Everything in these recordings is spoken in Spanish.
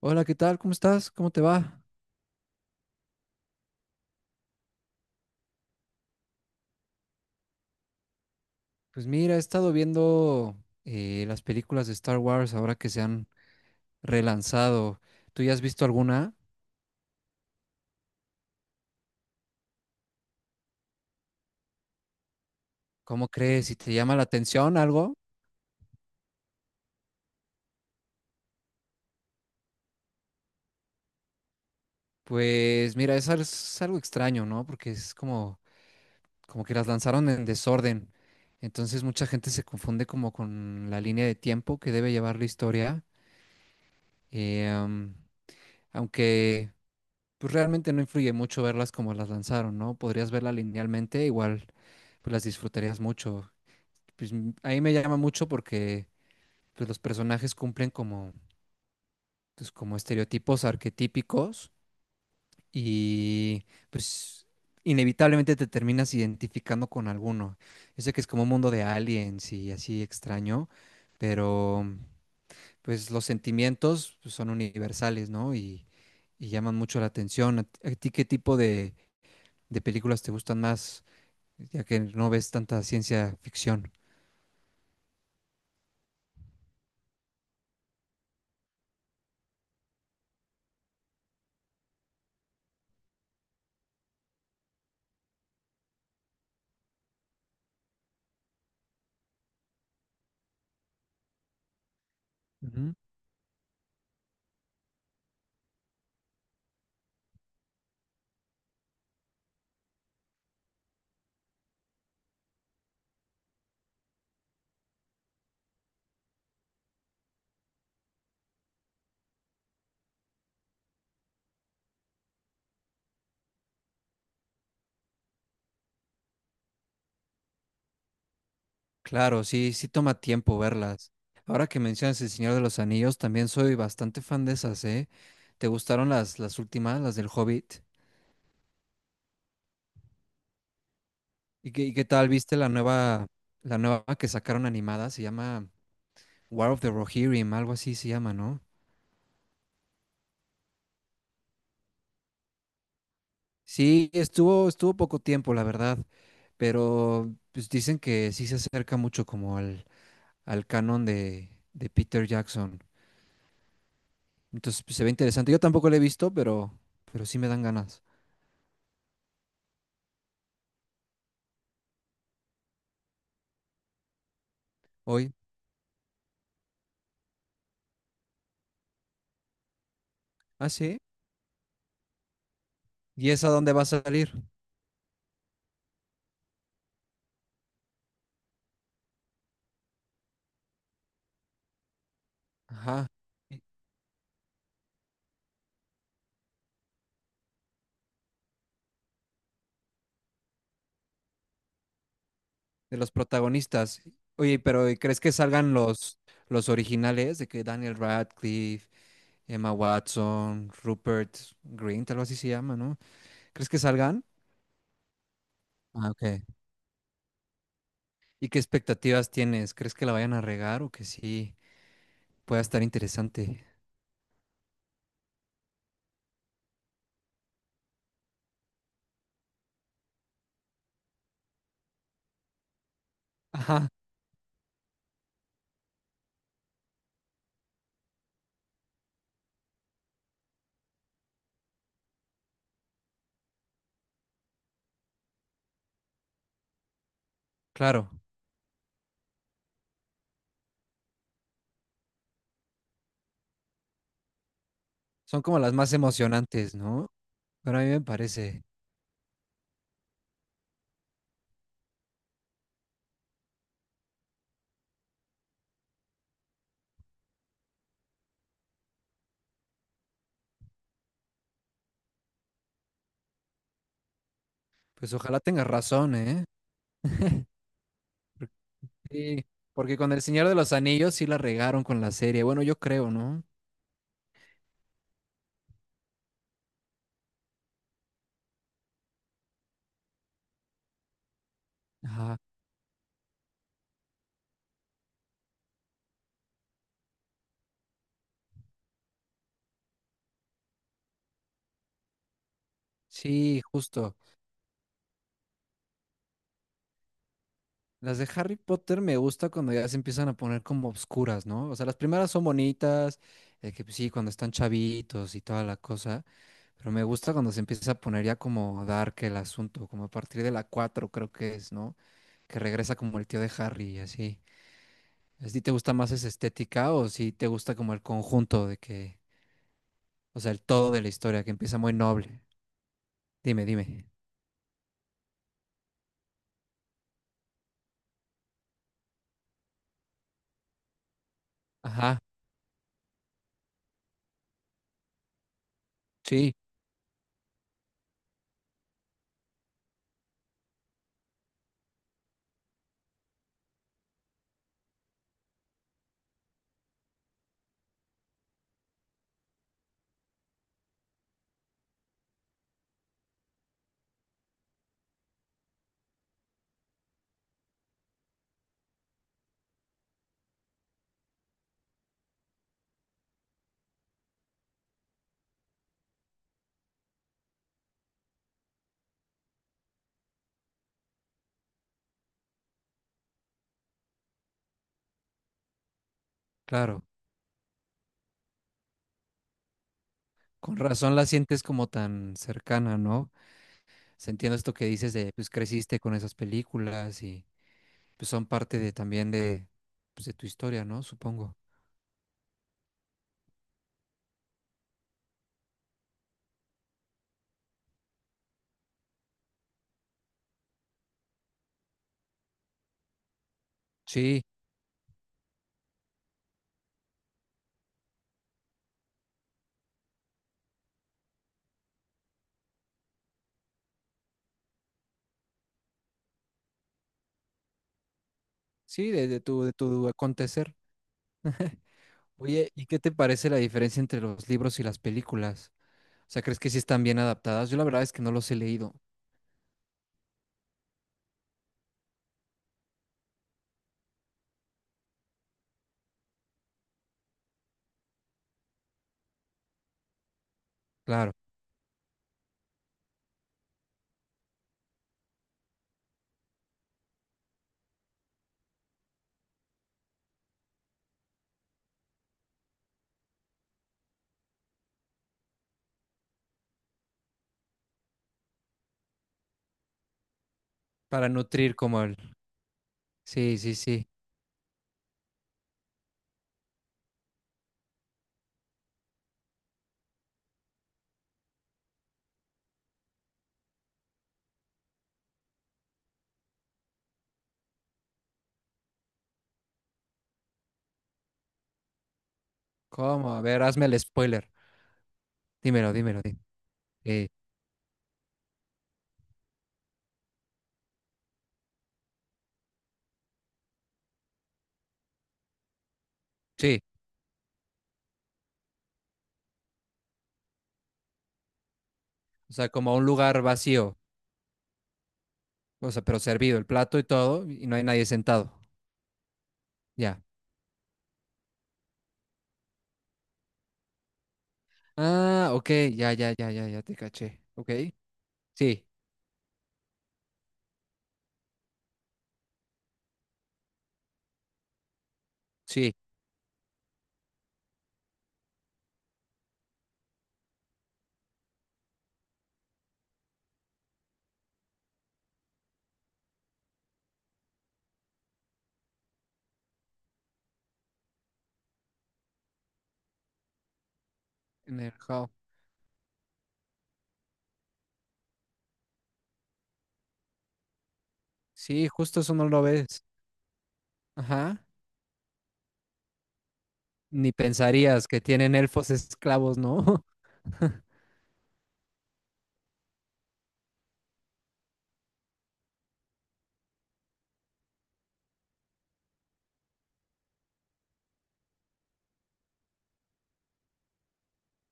Hola, ¿qué tal? ¿Cómo estás? ¿Cómo te va? Pues mira, he estado viendo las películas de Star Wars ahora que se han relanzado. ¿Tú ya has visto alguna? ¿Cómo crees? ¿Si te llama la atención algo? Pues mira, es algo extraño, ¿no? Porque es como, como que las lanzaron en desorden. Entonces mucha gente se confunde como con la línea de tiempo que debe llevar la historia. Eh, am, aunque pues realmente no influye mucho verlas como las lanzaron, ¿no? Podrías verla linealmente, igual pues las disfrutarías mucho. A mí me llama mucho porque pues los personajes cumplen como, pues, como estereotipos arquetípicos y pues inevitablemente te terminas identificando con alguno. Yo sé que es como un mundo de aliens y así extraño, pero pues los sentimientos pues, son universales, ¿no? Y llaman mucho la atención. ¿A ti qué tipo de películas te gustan más, ya que no ves tanta ciencia ficción? Ujú. Claro, sí, sí toma tiempo verlas. Ahora que mencionas El Señor de los Anillos, también soy bastante fan de esas, ¿eh? ¿Te gustaron las últimas, las del Hobbit? ¿Y qué tal viste la nueva que sacaron animada? Se llama War of the Rohirrim, algo así se llama, ¿no? Sí, estuvo poco tiempo, la verdad, pero pues dicen que sí se acerca mucho como al, al canon de Peter Jackson. Entonces pues, se ve interesante. Yo tampoco la he visto, pero sí me dan ganas. Hoy. Ah, sí. ¿Y esa dónde va a salir? Ajá, y- de los protagonistas. Oye, ¿crees que salgan los originales? De que Daniel Radcliffe, Emma Watson, Rupert Grint, algo así se llama, ¿no? ¿Crees que salgan? Ah, ok. ¿Y qué expectativas tienes? ¿Crees que la vayan a regar o que sí pueda estar interesante? Ajá, claro. Son como las más emocionantes, ¿no? Pero a mí me parece. Pues ojalá tengas razón, ¿eh? Sí, porque con El Señor de los Anillos sí la regaron con la serie. Bueno, yo creo, ¿no? Ajá. Sí, justo. Las de Harry Potter me gusta cuando ya se empiezan a poner como obscuras, ¿no? O sea, las primeras son bonitas, que pues sí, cuando están chavitos y toda la cosa, pero me gusta cuando se empieza a poner ya como dark el asunto, como a partir de la 4 creo que es, ¿no? Que regresa como el tío de Harry y así. ¿A ti te gusta más esa estética o si te gusta como el conjunto de que o sea, el todo de la historia, que empieza muy noble. Dime, dime. Ajá, sí, claro. Con razón la sientes como tan cercana, ¿no? Se entiende esto que dices de, pues creciste con esas películas y pues son parte de también de, pues, de tu historia, ¿no? Supongo. Sí, sí, de tu acontecer. Oye, ¿y qué te parece la diferencia entre los libros y las películas? O sea, ¿crees que sí están bien adaptadas? Yo la verdad es que no los he leído. Claro, para nutrir como el... Sí, sí, sí. ¿Cómo? A ver, hazme el spoiler. Dímelo. eh, sí, o sea, como un lugar vacío, o sea, pero servido el plato y todo, y no hay nadie sentado. Ya. Ah, ok, ya te caché. Ok. Sí, sí, en el hall. Sí, justo eso no lo ves. Ajá. Ni pensarías que tienen elfos esclavos, ¿no?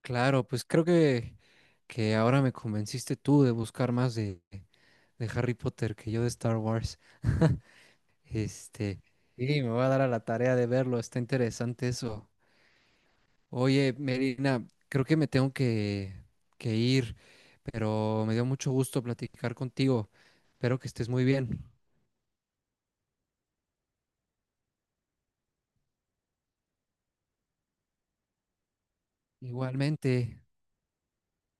Claro, pues creo que ahora me convenciste tú de buscar más de Harry Potter que yo de Star Wars. Este, y me voy a dar a la tarea de verlo, está interesante eso. Oye, Merina, creo que me tengo que ir, pero me dio mucho gusto platicar contigo. Espero que estés muy bien. Igualmente.